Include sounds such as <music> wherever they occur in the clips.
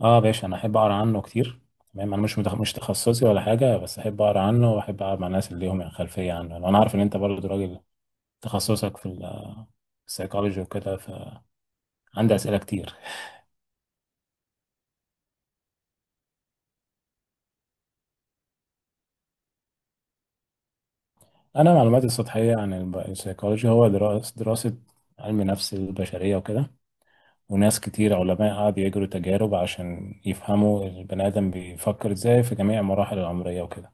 اه باشا، انا احب اقرا عنه كتير. تمام، انا مش تخصصي ولا حاجه، بس احب اقرا عنه واحب اقعد مع الناس اللي ليهم خلفيه عنه. يعني انا عارف ان انت برضه راجل تخصصك في السيكولوجي وكده، فعندي اسئله كتير. انا معلوماتي السطحيه عن السيكولوجي هو دراسه علم نفس البشريه وكده، وناس كتير علماء قعدوا يجروا تجارب عشان يفهموا البني ادم بيفكر ازاي في جميع المراحل العمريه وكده.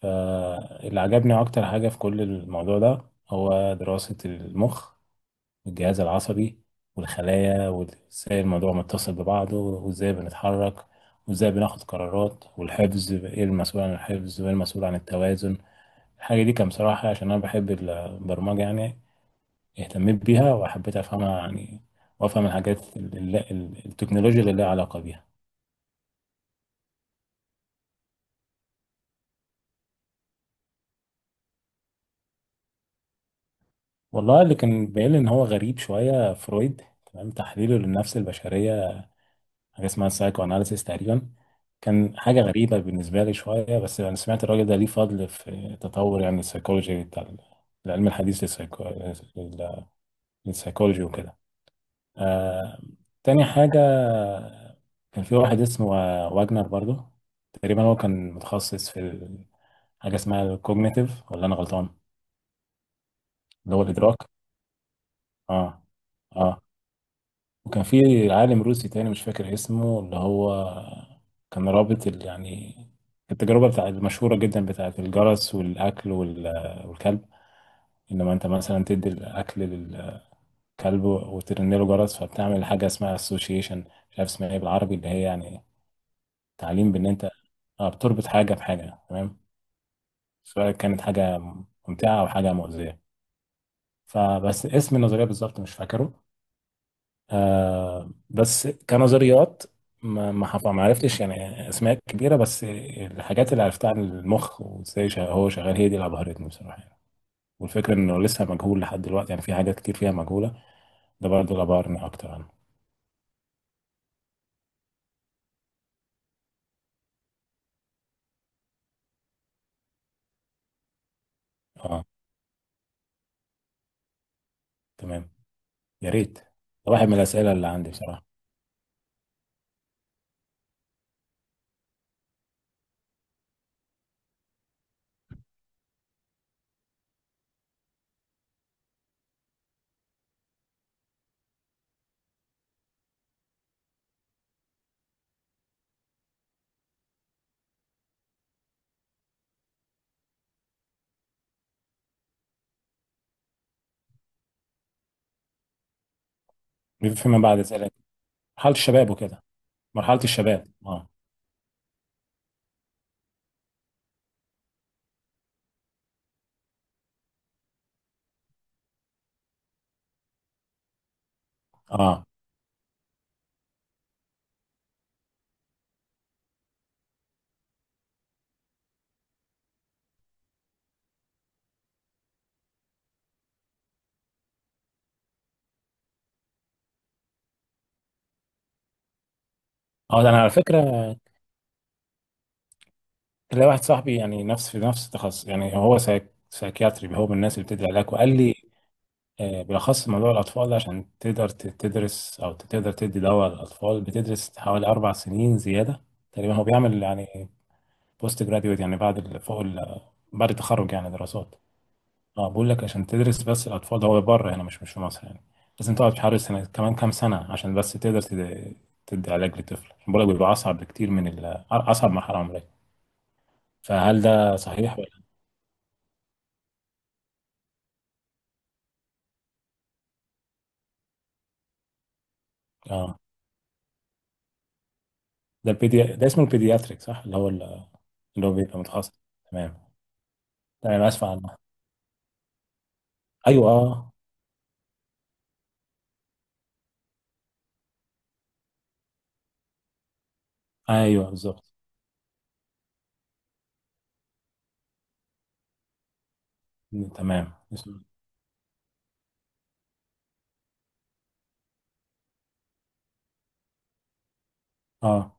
فاللي عجبني اكتر حاجه في كل الموضوع ده هو دراسه المخ والجهاز العصبي والخلايا، وازاي الموضوع متصل ببعضه، وازاي بنتحرك، وازاي بناخد قرارات، والحفظ ايه المسؤول عن الحفظ، وايه المسؤول عن التوازن. الحاجة دي كان بصراحة عشان أنا بحب البرمجة يعني، اهتميت بيها وحبيت أفهمها يعني. وأفهم الحاجات التكنولوجيا اللي لها علاقة بيها. والله، اللي كان باين لي إن هو غريب شوية فرويد. تمام، تحليله للنفس البشرية، حاجه اسمها سايكو اناليسيس تقريبا، كان حاجه غريبه بالنسبه لي شويه. بس انا سمعت الراجل ده ليه فضل في تطور يعني السيكولوجي بتاع العلم الحديث للسيكولوجي وكده. آه... تاني حاجه، كان في واحد اسمه واجنر برضو. تقريبا هو كان متخصص في حاجه اسمها الكوجنيتيف، ولا انا غلطان؟ اللي هو الادراك، اه. اه، وكان في عالم روسي تاني مش فاكر اسمه، اللي هو كان رابط يعني التجربة بتاع المشهورة جدا بتاعة الجرس والأكل والكلب. إنما أنت مثلا تدي الأكل للكلب وترن له جرس، فبتعمل حاجة اسمها association. مش عارف اسمها إيه بالعربي، اللي هي يعني تعليم بإن أنت بتربط حاجة بحاجة، تمام، سواء كانت حاجة ممتعة أو حاجة مؤذية. فبس اسم النظرية بالظبط مش فاكره. آه، بس كنظريات، ما عرفتش يعني اسماء كبيره، بس الحاجات اللي عرفتها عن المخ وازاي هو شغال هي دي اللي ابهرتني بصراحه يعني. والفكره انه لسه مجهول لحد دلوقتي، يعني في حاجات كتير فيها مجهوله. ده برضه اللي ابهرني اكتر عنه. اه، تمام. يا ريت، ده واحد من الاسئله اللي عندي بصراحه. بيبقى فيما بعد اسئله مرحله الشباب وكده. مرحله الشباب، اه. اه. اه، ده انا على فكره تلاقي واحد صاحبي يعني نفس في نفس التخصص، يعني هو سايكياتري، هو من الناس اللي بتدي علاج. وقال لي آه، بالأخص موضوع الأطفال ده عشان تقدر تدرس أو تقدر تدي دواء للأطفال، بتدرس حوالي أربع سنين زيادة. تقريبا هو بيعمل يعني بوست جراديويت، يعني بعد بعد التخرج يعني دراسات. اه، بقول لك عشان تدرس بس الأطفال ده هو بره هنا، مش مش في مصر يعني. لازم تقعد حوالي سنة كمان، كام سنة عشان بس تقدر تدي علاج لطفل، عشان بقول لك بيبقى أصعب بكتير من أصعب مرحلة عمرية. فهل ده صحيح ولا؟ اه، ده اسمه البيدياتريك صح، اللي هو اللي هو بيبقى متخصص. تمام. تمام، أسف. ايوه، اه. ايوه بالظبط. تمام. اه،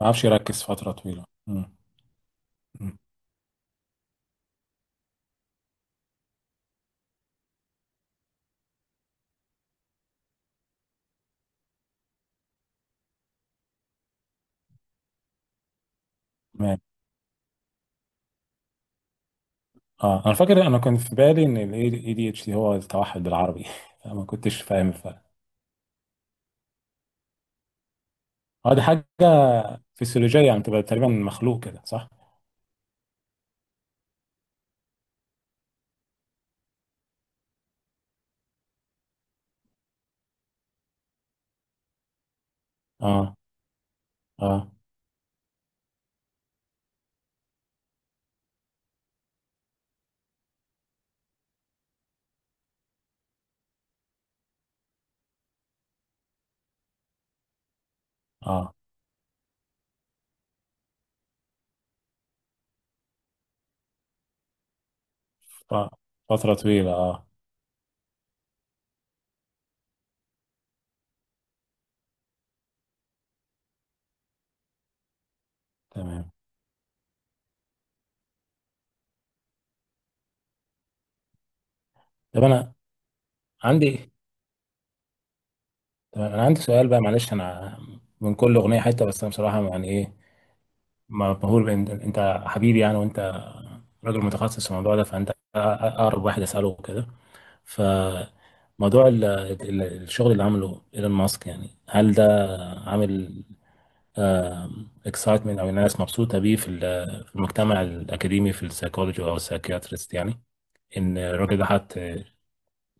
ما اعرفش يركز فتره طويله. م- تمام. اه انا فاكر، انا كان في بالي ان الاي دي اتش دي هو التوحد بالعربي <laughs> فما كنتش فاهم الفرق. اه، دي حاجه فسيولوجيه يعني، تبقى تقريبا مخلوق كده صح؟ اه. اه. اه، ف- فتره طويله، اه. تمام. طب انا عندي تمام انا عندي سؤال بقى، معلش انا من كل اغنيه حته، بس انا بصراحه يعني ايه، مبهور بان انت حبيبي يعني، وانت راجل متخصص في الموضوع ده، فانت اقرب واحد اساله كده. فموضوع الشغل اللي عمله ايلون ماسك، يعني هل ده عامل اكسايتمنت او الناس مبسوطه بيه في في المجتمع الاكاديمي في السايكولوجي او السايكياتريست يعني؟ ان الراجل ده حط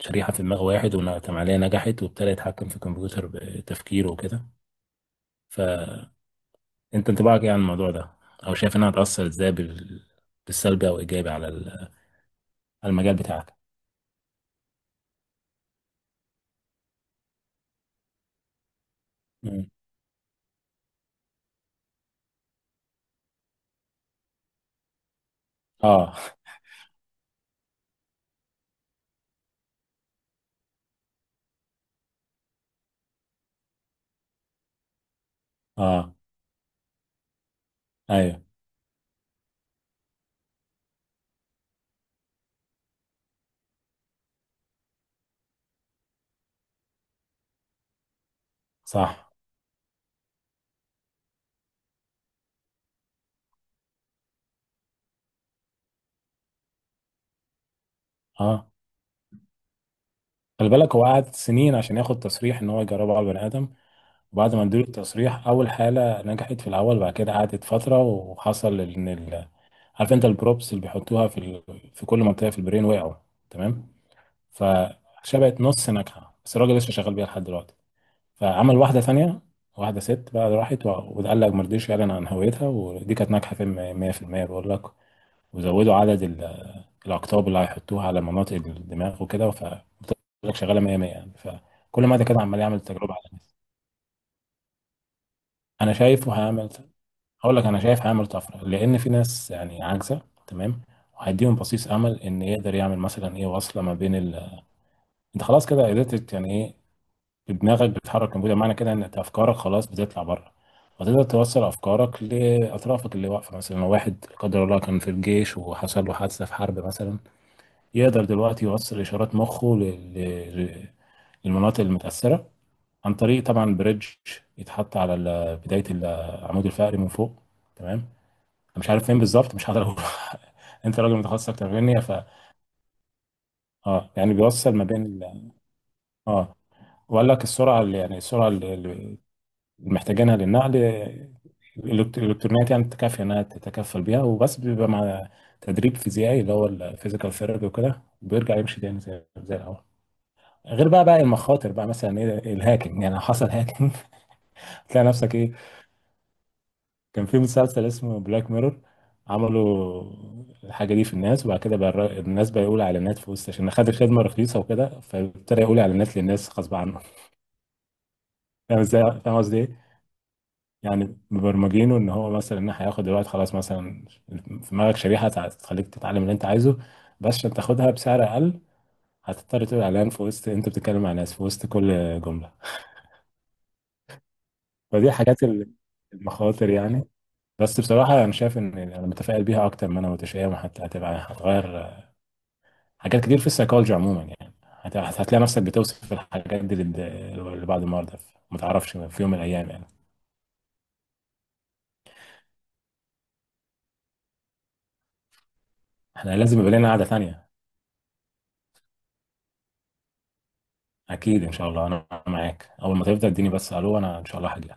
شريحه في دماغ واحد والعمليه نجحت وابتدى يتحكم في الكمبيوتر بتفكيره وكده. فانت انطباعك ايه عن الموضوع ده، او شايف انها هتاثر ازاي بالسلبي او ايجابي على على المجال بتاعك؟ مم. اه <laughs> اه ايوه صح. اه، خلي بالك هو قعد سنين عشان ياخد تصريح ان هو يجربه على البني ادم. وبعد ما اديله التصريح، اول حاله نجحت في الاول. بعد كده قعدت فتره وحصل ان عارف انت البروبس اللي بيحطوها في في كل منطقه في البرين وقعوا. تمام. فشبعت نص ناجحه، بس الراجل لسه شغال بيها لحد دلوقتي. فعمل واحده ثانيه، واحده ست بقى راحت وقال لك ما رضيش يعلن عن هويتها، ودي كانت ناجحه في 100% بقول لك. وزودوا عدد الأقطاب اللي هيحطوها على مناطق الدماغ وكده، فبقول لك شغالة 100 100 يعني. فكل ما ده كده عمال يعمل تجربة على الناس. أنا شايفه هيعمل. أقول لك أنا شايف هيعمل طفرة، لأن في ناس يعني عاجزة، تمام، وهيديهم بصيص أمل. إن يقدر يعمل مثلا إيه، وصلة ما بين أنت خلاص كده قدرت يعني إيه، بدماغك بتحرك الكمبيوتر، معنى كده إن أنت أفكارك خلاص بتطلع بره، وتقدر توصل أفكارك لأطرافك اللي واقفة. مثلا لو واحد لا قدر الله كان في الجيش وحصل له حادثة في حرب مثلا، يقدر دلوقتي يوصل إشارات مخه للمناطق المتأثرة عن طريق طبعا بريدج يتحط على بداية العمود الفقري من فوق. تمام. أنا مش عارف فين بالظبط، مش هقدر أقول <laughs> أنت راجل متخصص أكتر مني ف، اه، يعني بيوصل ما بين ال... اه، وقال لك السرعة اللي يعني السرعة اللي محتاجينها للنقل الإلكترونيات يعني تكفي إنها تتكفل بيها. وبس بيبقى مع تدريب فيزيائي، اللي هو الفيزيكال ثيرابي وكده، بيرجع يمشي تاني زي زي الأول. غير بقى المخاطر بقى، مثلا ايه الهاكينج؟ يعني لو حصل هاكينج <laughs> تلاقي نفسك ايه. كان في مسلسل اسمه بلاك ميرور، عملوا الحاجه دي في الناس. وبعد كده بقى الناس بقى يقول اعلانات في وسط عشان خد الخدمه رخيصه وكده، فابتدى يقول اعلانات للناس غصب عنه <laughs> فاهم ازاي؟ فاهم قصدي ايه؟ يعني مبرمجينه ان هو مثلا ان هياخد دلوقتي خلاص، مثلا في دماغك شريحه تخليك تتعلم اللي انت عايزه، بس عشان تاخدها بسعر اقل هتضطر تقول اعلان في وسط انت بتتكلم مع ناس، في وسط كل جمله. فدي حاجات المخاطر يعني. بس بصراحة أنا شايف إن أنا متفائل بيها أكتر ما أنا متشائم، حتى هتبقى هتغير حاجات كتير في السيكولوجي عموما يعني. هت- هتلاقي نفسك بتوصف الحاجات دي لبعض المرضى، ما تعرفش في يوم من الأيام يعني. إحنا لازم يبقى لنا قعدة تانية. أكيد إن شاء الله، أنا معاك أول ما تفضل اديني. بس ألو، أنا إن شاء الله هجي.